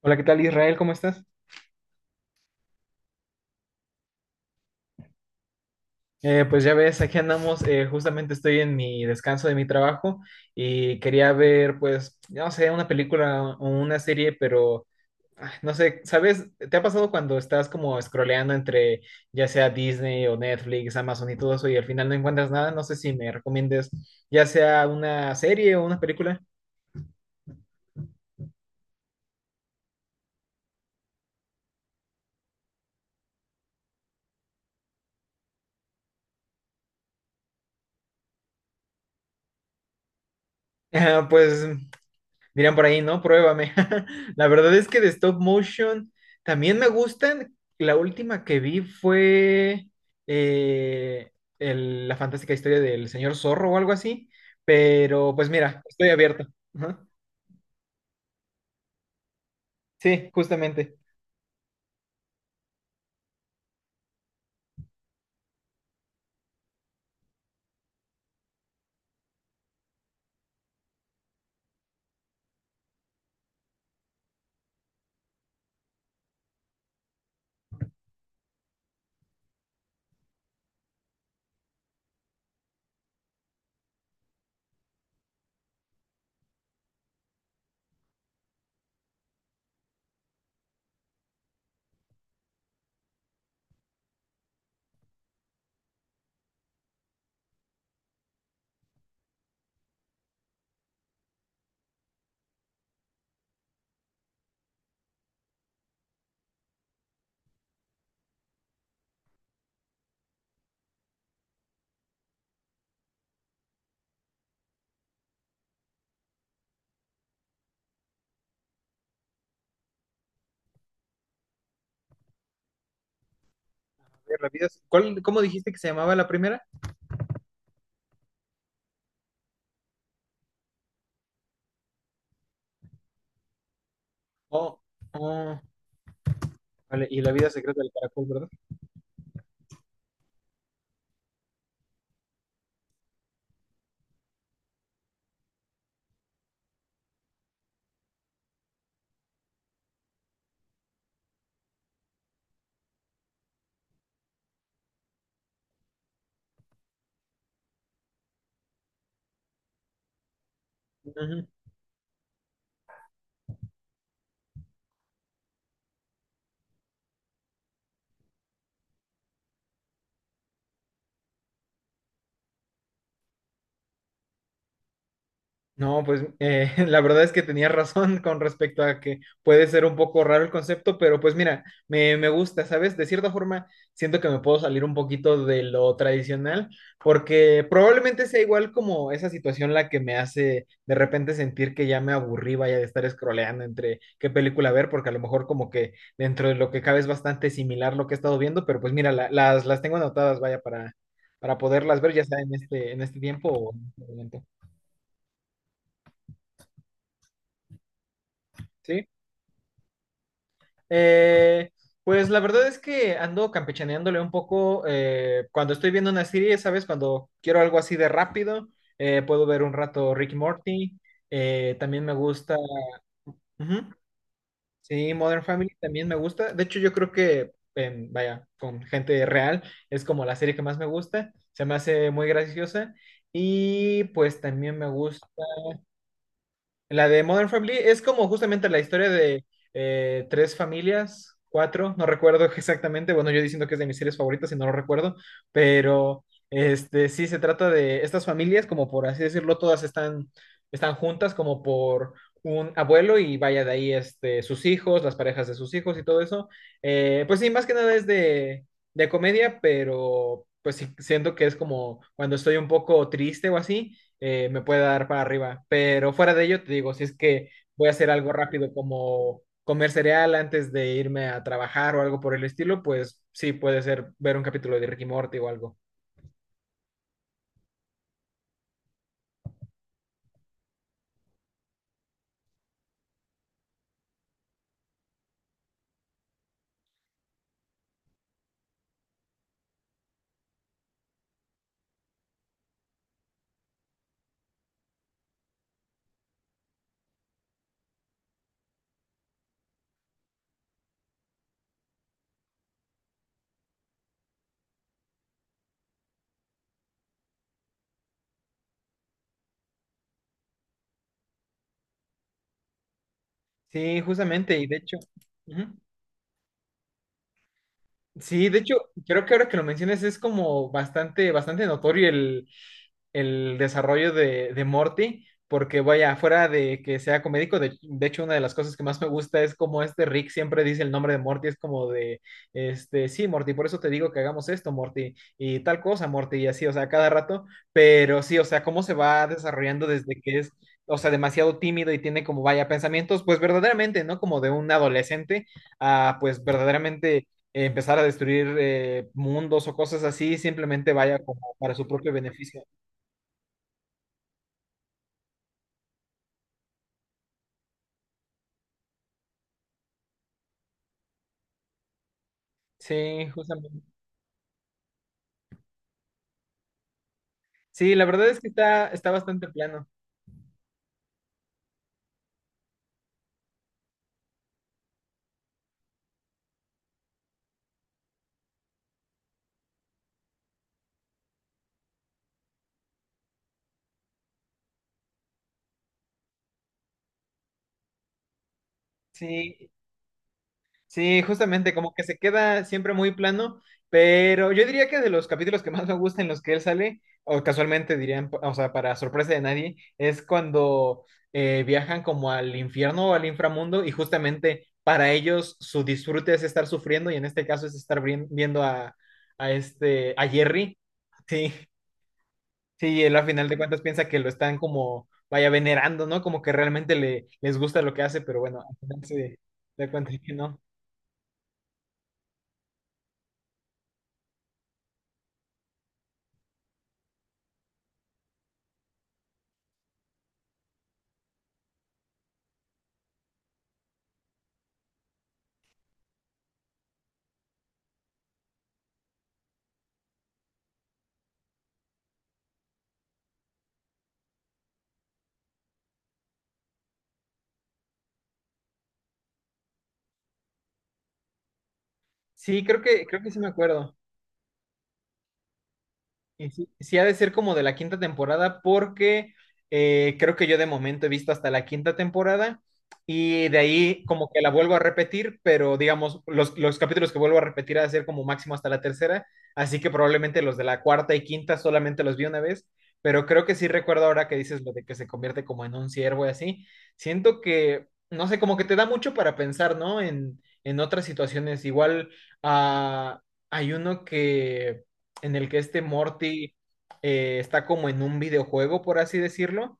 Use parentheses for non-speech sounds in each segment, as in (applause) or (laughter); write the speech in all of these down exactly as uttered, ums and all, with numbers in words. Hola, ¿qué tal Israel? ¿Cómo estás? Eh, pues ya ves, aquí andamos, eh, justamente estoy en mi descanso de mi trabajo y quería ver, pues, no sé, una película o una serie, pero ah, no sé, ¿sabes? ¿Te ha pasado cuando estás como scrolleando entre ya sea Disney o Netflix, Amazon y todo eso y al final no encuentras nada? No sé si me recomiendes ya sea una serie o una película. (laughs) Ah, pues dirían por ahí, ¿no? Pruébame. (laughs) La verdad es que de stop motion también me gustan. La última que vi fue eh, el- la fantástica historia del señor Zorro o algo así. Pero pues mira, estoy abierto. Ajá. Sí, justamente. La vida- ¿cuál- cómo dijiste que se llamaba la primera? Oh, oh, vale, y la vida secreta del caracol, ¿verdad? Ujú. No, pues eh, (laughs) la verdad es que tenías razón con respecto a que puede ser un poco raro el concepto, pero pues mira, me, me gusta, ¿sabes? De cierta forma, siento que me puedo salir un poquito de lo tradicional, porque probablemente sea igual como esa situación la que me hace de repente sentir que ya me aburrí, vaya, de estar scrolleando entre qué película ver, porque a lo mejor como que dentro de lo que cabe es bastante similar lo que he estado viendo, pero pues mira, la- las, las tengo anotadas, vaya, para, para poderlas ver, ya sea en este, en este tiempo o en este momento. ¿Sí? Eh, pues la verdad es que ando campechaneándole un poco eh, cuando estoy viendo una serie, ¿sabes? Cuando quiero algo así de rápido, eh, puedo ver un rato Rick y Morty. eh, también me gusta. Ujú. Sí, Modern Family también me gusta. De hecho, yo creo que, em, vaya, con gente real, es como la serie que más me gusta. Se me hace muy graciosa. Y pues también me gusta. La de Modern Family es como justamente la historia de eh, tres familias, cuatro, no recuerdo (laughs) exactamente. Bueno, yo diciendo que es de mis series favoritas y no lo recuerdo, pero este sí se trata de estas familias, como por así decirlo, todas están, están juntas, como por un abuelo y vaya de ahí este, sus hijos, las parejas de sus hijos y todo eso. Eh, pues sí, más que nada es de, de, comedia, pero pues sí, siento que es como cuando estoy un poco triste o así eh, me puede dar para arriba. Pero fuera de ello, te digo, si es que voy a hacer algo rápido como comer cereal antes de irme a trabajar o algo por el estilo, pues sí, puede ser ver un capítulo de Ricky Morty o algo. Sí, justamente, y de hecho... Ujú. Sí, de hecho, creo que ahora que lo mencionas es como bastante, bastante notorio el, el, desarrollo de, de Morty, porque vaya, fuera de que sea comédico, de, de hecho una de las cosas que más me gusta es como este Rick siempre dice el nombre de Morty, es como de, este, sí, Morty, por eso te digo que hagamos esto, Morty, y tal cosa, Morty, y así, o sea, cada rato, pero sí, o sea, cómo se va desarrollando desde que es... O sea, demasiado tímido y tiene como vaya pensamientos, pues verdaderamente, ¿no? Como de un adolescente a pues verdaderamente eh, empezar a destruir eh, mundos o cosas así, simplemente vaya como para su propio beneficio. Sí, justamente. Sí, la verdad es que está, está bastante plano. Sí, sí, justamente, como que se queda siempre muy plano, pero yo diría que de los capítulos que más me gustan en los que él sale, o casualmente dirían, o sea, para sorpresa de nadie, es cuando eh, viajan como al infierno o al inframundo y justamente para ellos su disfrute es estar sufriendo y en este caso es estar brin- viendo a, a, este, a Jerry. Sí. Sí, él a final de cuentas piensa que lo están como, vaya, venerando, ¿no? Como que realmente le, les gusta lo que hace, pero bueno, al final se da cuenta de que no. Sí, creo que, creo que sí me acuerdo. Y sí, sí ha de ser como de la quinta temporada porque eh, creo que yo de momento he visto hasta la quinta temporada y de ahí como que la vuelvo a repetir, pero digamos, los, los capítulos que vuelvo a repetir ha de ser como máximo hasta la tercera, así que probablemente los de la cuarta y quinta solamente los vi una vez, pero creo que sí recuerdo ahora que dices lo de que se convierte como en un ciervo y así, siento que, no sé, como que te da mucho para pensar, ¿no? En, en otras situaciones, igual ah, hay uno que en el que este Morty eh, está como en un videojuego, por así decirlo,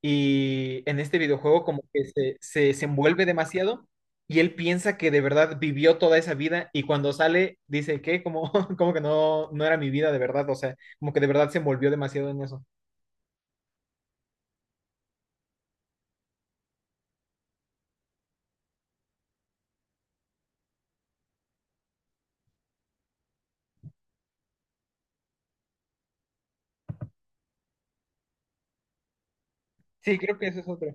y en este videojuego como que se, se, desenvuelve demasiado y él piensa que de verdad vivió toda esa vida y cuando sale dice que como, (laughs) como que no, no era mi vida de verdad, o sea, como que de verdad se envolvió demasiado en eso. Sí, creo que eso es otro.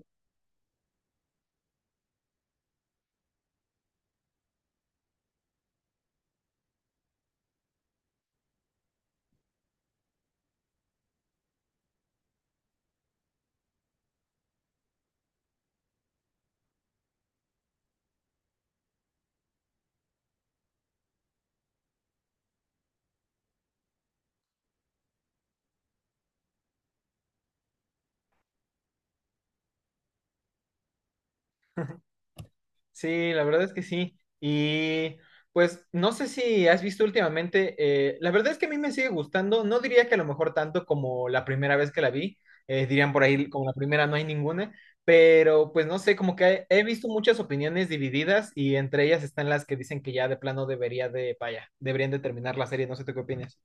Sí, la verdad es que sí. Y pues no sé si has visto últimamente, eh, la verdad es que a mí me sigue gustando, no diría que a lo mejor tanto como la primera vez que la vi, eh, dirían por ahí como la primera no hay ninguna, pero pues no sé, como que he, he visto muchas opiniones divididas y entre ellas están las que dicen que ya de plano debería de, vaya, deberían de terminar la serie, no sé tú qué opinas.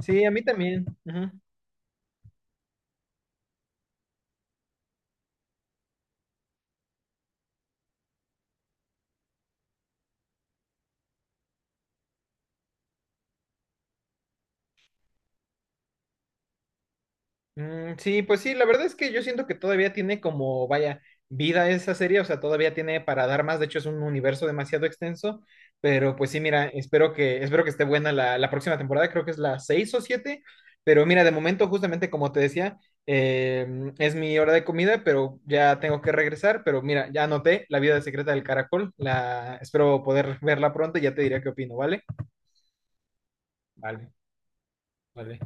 Sí, a mí también. Ujú. Mm, sí, pues sí, la verdad es que yo siento que todavía tiene como, vaya, vida esa serie, o sea, todavía tiene para dar más, de hecho es un universo demasiado extenso, pero pues sí, mira, espero que, espero que esté buena la, la, próxima temporada, creo que es la seis o siete. Pero mira, de momento, justamente como te decía, eh, es mi hora de comida, pero ya tengo que regresar, pero mira, ya anoté La vida secreta del caracol, la, espero poder verla pronto y ya te diré qué opino, ¿vale? Vale, vale.